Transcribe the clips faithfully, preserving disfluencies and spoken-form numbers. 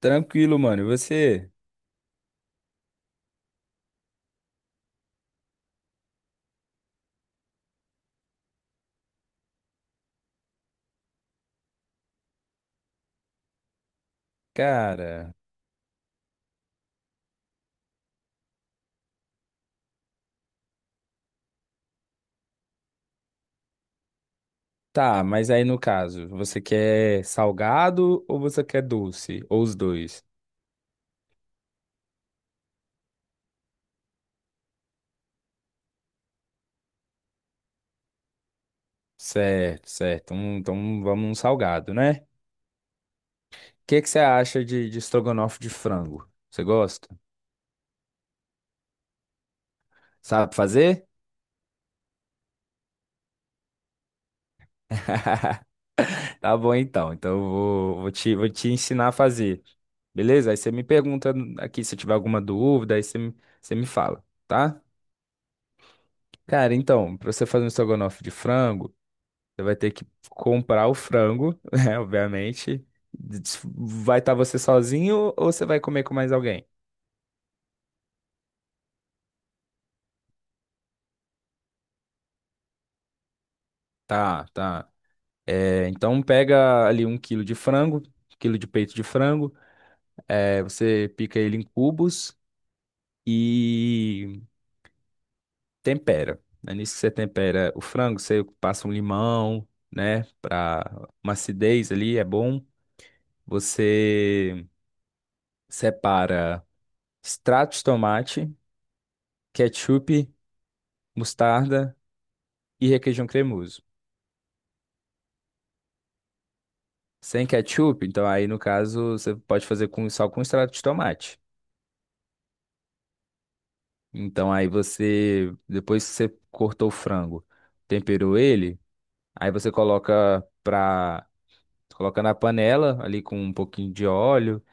Tranquilo, mano. E você? Cara, tá, mas aí no caso, você quer salgado ou você quer doce? Ou os dois? Certo, certo. Um- então vamos num salgado, né? O que que você acha de, de estrogonofe de frango? Você gosta? Sabe fazer? Tá bom então. Então eu vou, vou te, vou te ensinar a fazer. Beleza? Aí você me pergunta aqui se tiver alguma dúvida, aí você, me- você me fala, tá? Cara, então, pra você fazer um estrogonofe de frango. Você vai ter que comprar o frango, né? Obviamente. Des- Vai estar você sozinho ou você vai comer com mais alguém? Tá, tá. É, então pega ali um quilo de frango, quilo de peito de frango. É, você pica ele em cubos e tempera. Né? Nisso que você tempera o frango, você passa um limão, né? Pra uma acidez ali, é bom. Você separa extrato de tomate, ketchup, mostarda e requeijão cremoso. Sem ketchup, então aí no caso você pode fazer com só com extrato de tomate. Então aí você, depois que você cortou o frango, temperou ele, aí você coloca pra, coloca na panela ali com um pouquinho de óleo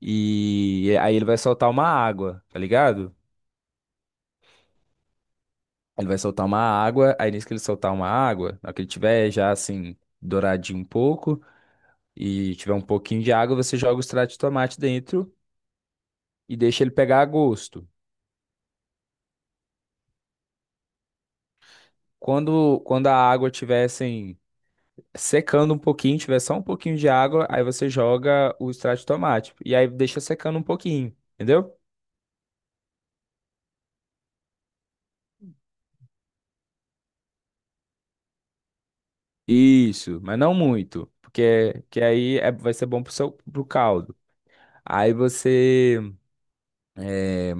e aí ele vai soltar uma água, tá ligado? Ele vai soltar uma água, aí nisso que ele soltar uma água, na hora que ele tiver já assim douradinho um pouco e tiver um pouquinho de água, você joga o extrato de tomate dentro e deixa ele pegar a gosto. Quando, quando a água estiver assim, secando um pouquinho, tiver só um pouquinho de água, aí você joga o extrato de tomate. E aí deixa secando um pouquinho, entendeu? Isso, mas não muito. Porque que aí é- vai ser bom pro seu pro caldo. Aí você. é,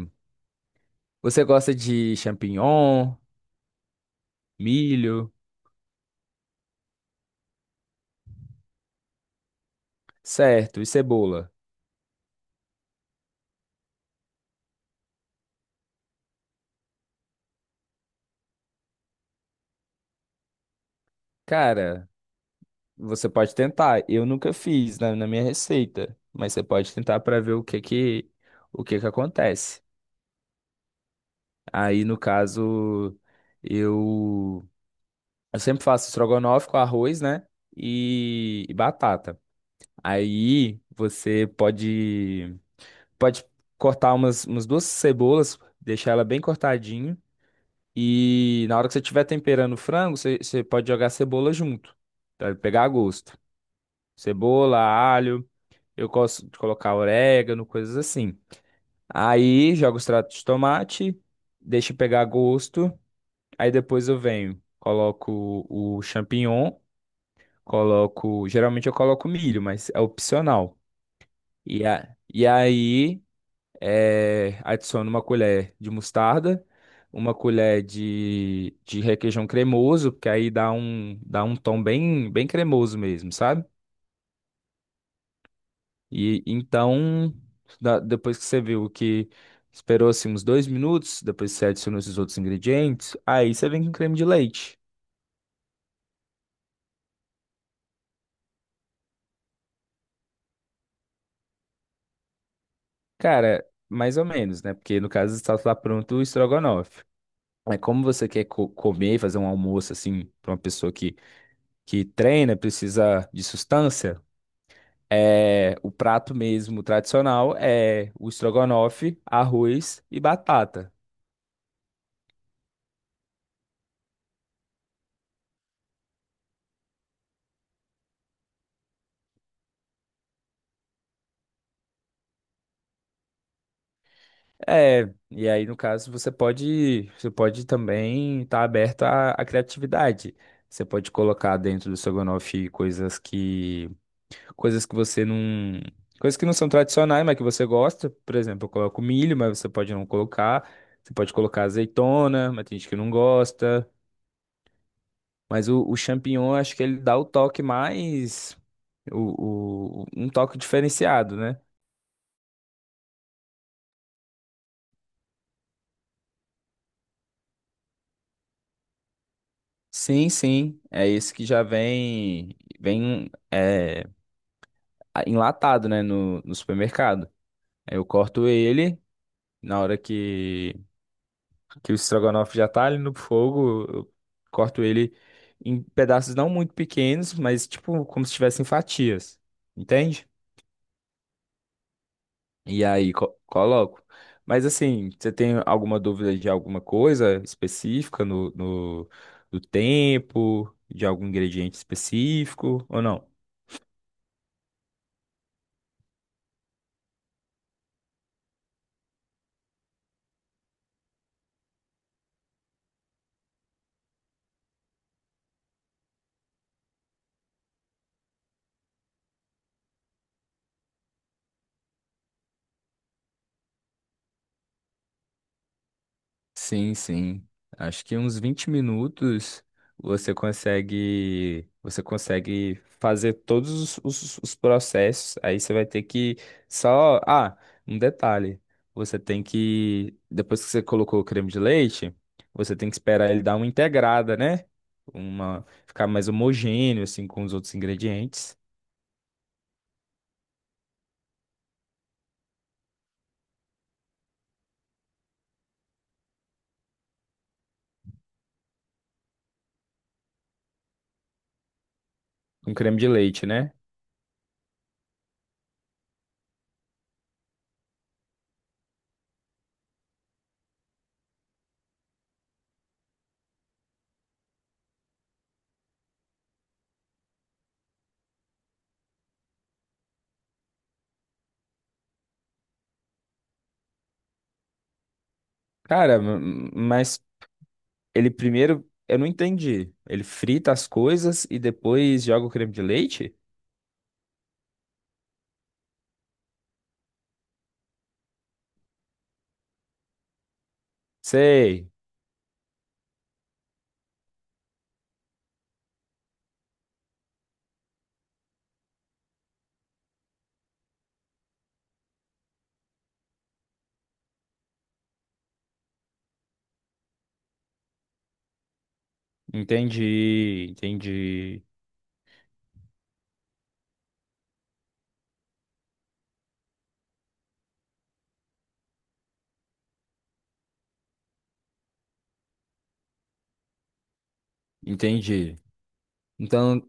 você gosta de champignon, milho, certo, e cebola. Cara, você pode tentar. Eu nunca fiz na, na minha receita, mas você pode tentar para ver o que que, o que que acontece. Aí, no caso, eu, eu sempre faço estrogonofe com arroz, né? E, e batata. Aí você pode, pode cortar umas, umas duas cebolas, deixar ela bem cortadinho. E na hora que você estiver temperando o frango, você, você pode jogar cebola junto, para pegar a gosto. Cebola, alho, eu gosto de colocar orégano, coisas assim. Aí joga o extrato de tomate, deixa pegar gosto. Aí depois eu venho, coloco o champignon, coloco. Geralmente eu coloco milho, mas é opcional. E, a, e aí é, adiciono uma colher de mostarda, uma colher de, de requeijão cremoso, porque aí dá um, dá um tom bem, bem cremoso mesmo, sabe? E então, da- depois que você viu que esperou assim uns dois minutos, depois você adiciona esses outros ingredientes, aí você vem com creme de leite. Cara, mais ou menos, né? Porque no caso está lá pronto o estrogonofe. Mas como você quer co- comer, fazer um almoço assim, para uma pessoa que, que treina, precisa de sustância, é, o prato mesmo tradicional é o estrogonofe, arroz e batata. É, e aí no caso você pode, você pode também estar aberto à, à criatividade. Você pode colocar dentro do estrogonofe coisas que coisas que você não. Coisas que não são tradicionais, mas que você gosta. Por exemplo, eu coloco milho, mas você pode não colocar. Você pode colocar azeitona, mas tem gente que não gosta. Mas o, o champignon, acho que ele dá o toque mais. O, o- um toque diferenciado, né? Sim, sim. É esse que já vem. Vem é, enlatado, né? No, no supermercado. Aí eu corto ele na hora que. que o estrogonofe já tá ali no fogo, eu corto ele em pedaços não muito pequenos, mas tipo como se tivessem fatias, entende? E aí co- coloco. Mas assim, você tem alguma dúvida de alguma coisa específica no, no, do tempo, de algum ingrediente específico ou não? Sim, sim. Acho que uns vinte minutos você consegue, você consegue fazer todos os, os- os processos. Aí você vai ter que só. Ah, um detalhe. Você tem que. Depois que você colocou o creme de leite, você tem que esperar ele dar uma integrada, né? Uma, ficar mais homogêneo, assim, com os outros ingredientes. Um creme de leite, né? Cara, m- m- mas ele primeiro, eu não entendi. Ele frita as coisas e depois joga o creme de leite? Sei. Entendi, entendi, entendi. Então,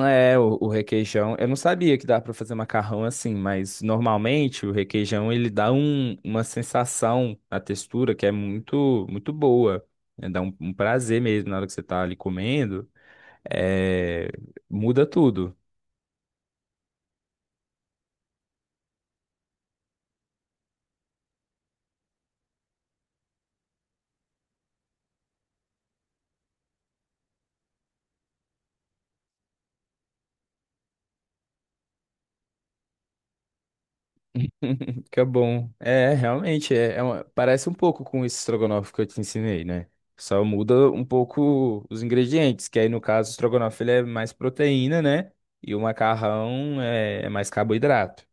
é o, o requeijão. Eu não sabia que dá pra fazer macarrão assim, mas normalmente o requeijão ele dá um- uma sensação na textura que é muito, muito boa. Né? Dá um, um prazer mesmo na hora que você tá ali comendo. É, muda tudo. Que é bom. É, realmente, é, é uma- parece um pouco com esse estrogonofe que eu te ensinei, né? Só muda um pouco os ingredientes, que aí no caso o estrogonofe ele é mais proteína, né? E o macarrão é, é mais carboidrato.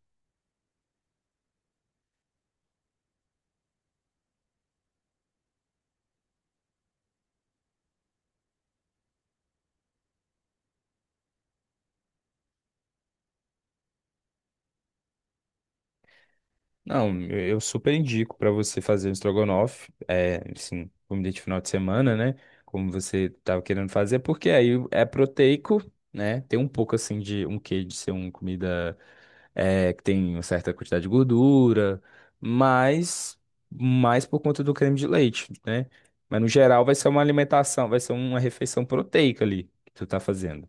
Não, eu, eu super indico para você fazer um estrogonofe, é, assim, comida de final de semana, né? Como você estava querendo fazer, porque aí é proteico, né? Tem um pouco assim de um quê de ser uma comida é, que tem uma certa quantidade de gordura, mas mais por conta do creme de leite, né? Mas no geral vai ser uma alimentação, vai ser uma refeição proteica ali que tu tá fazendo.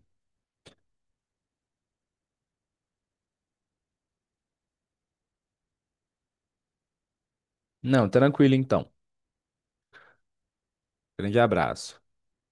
Não, tranquilo então. Grande abraço.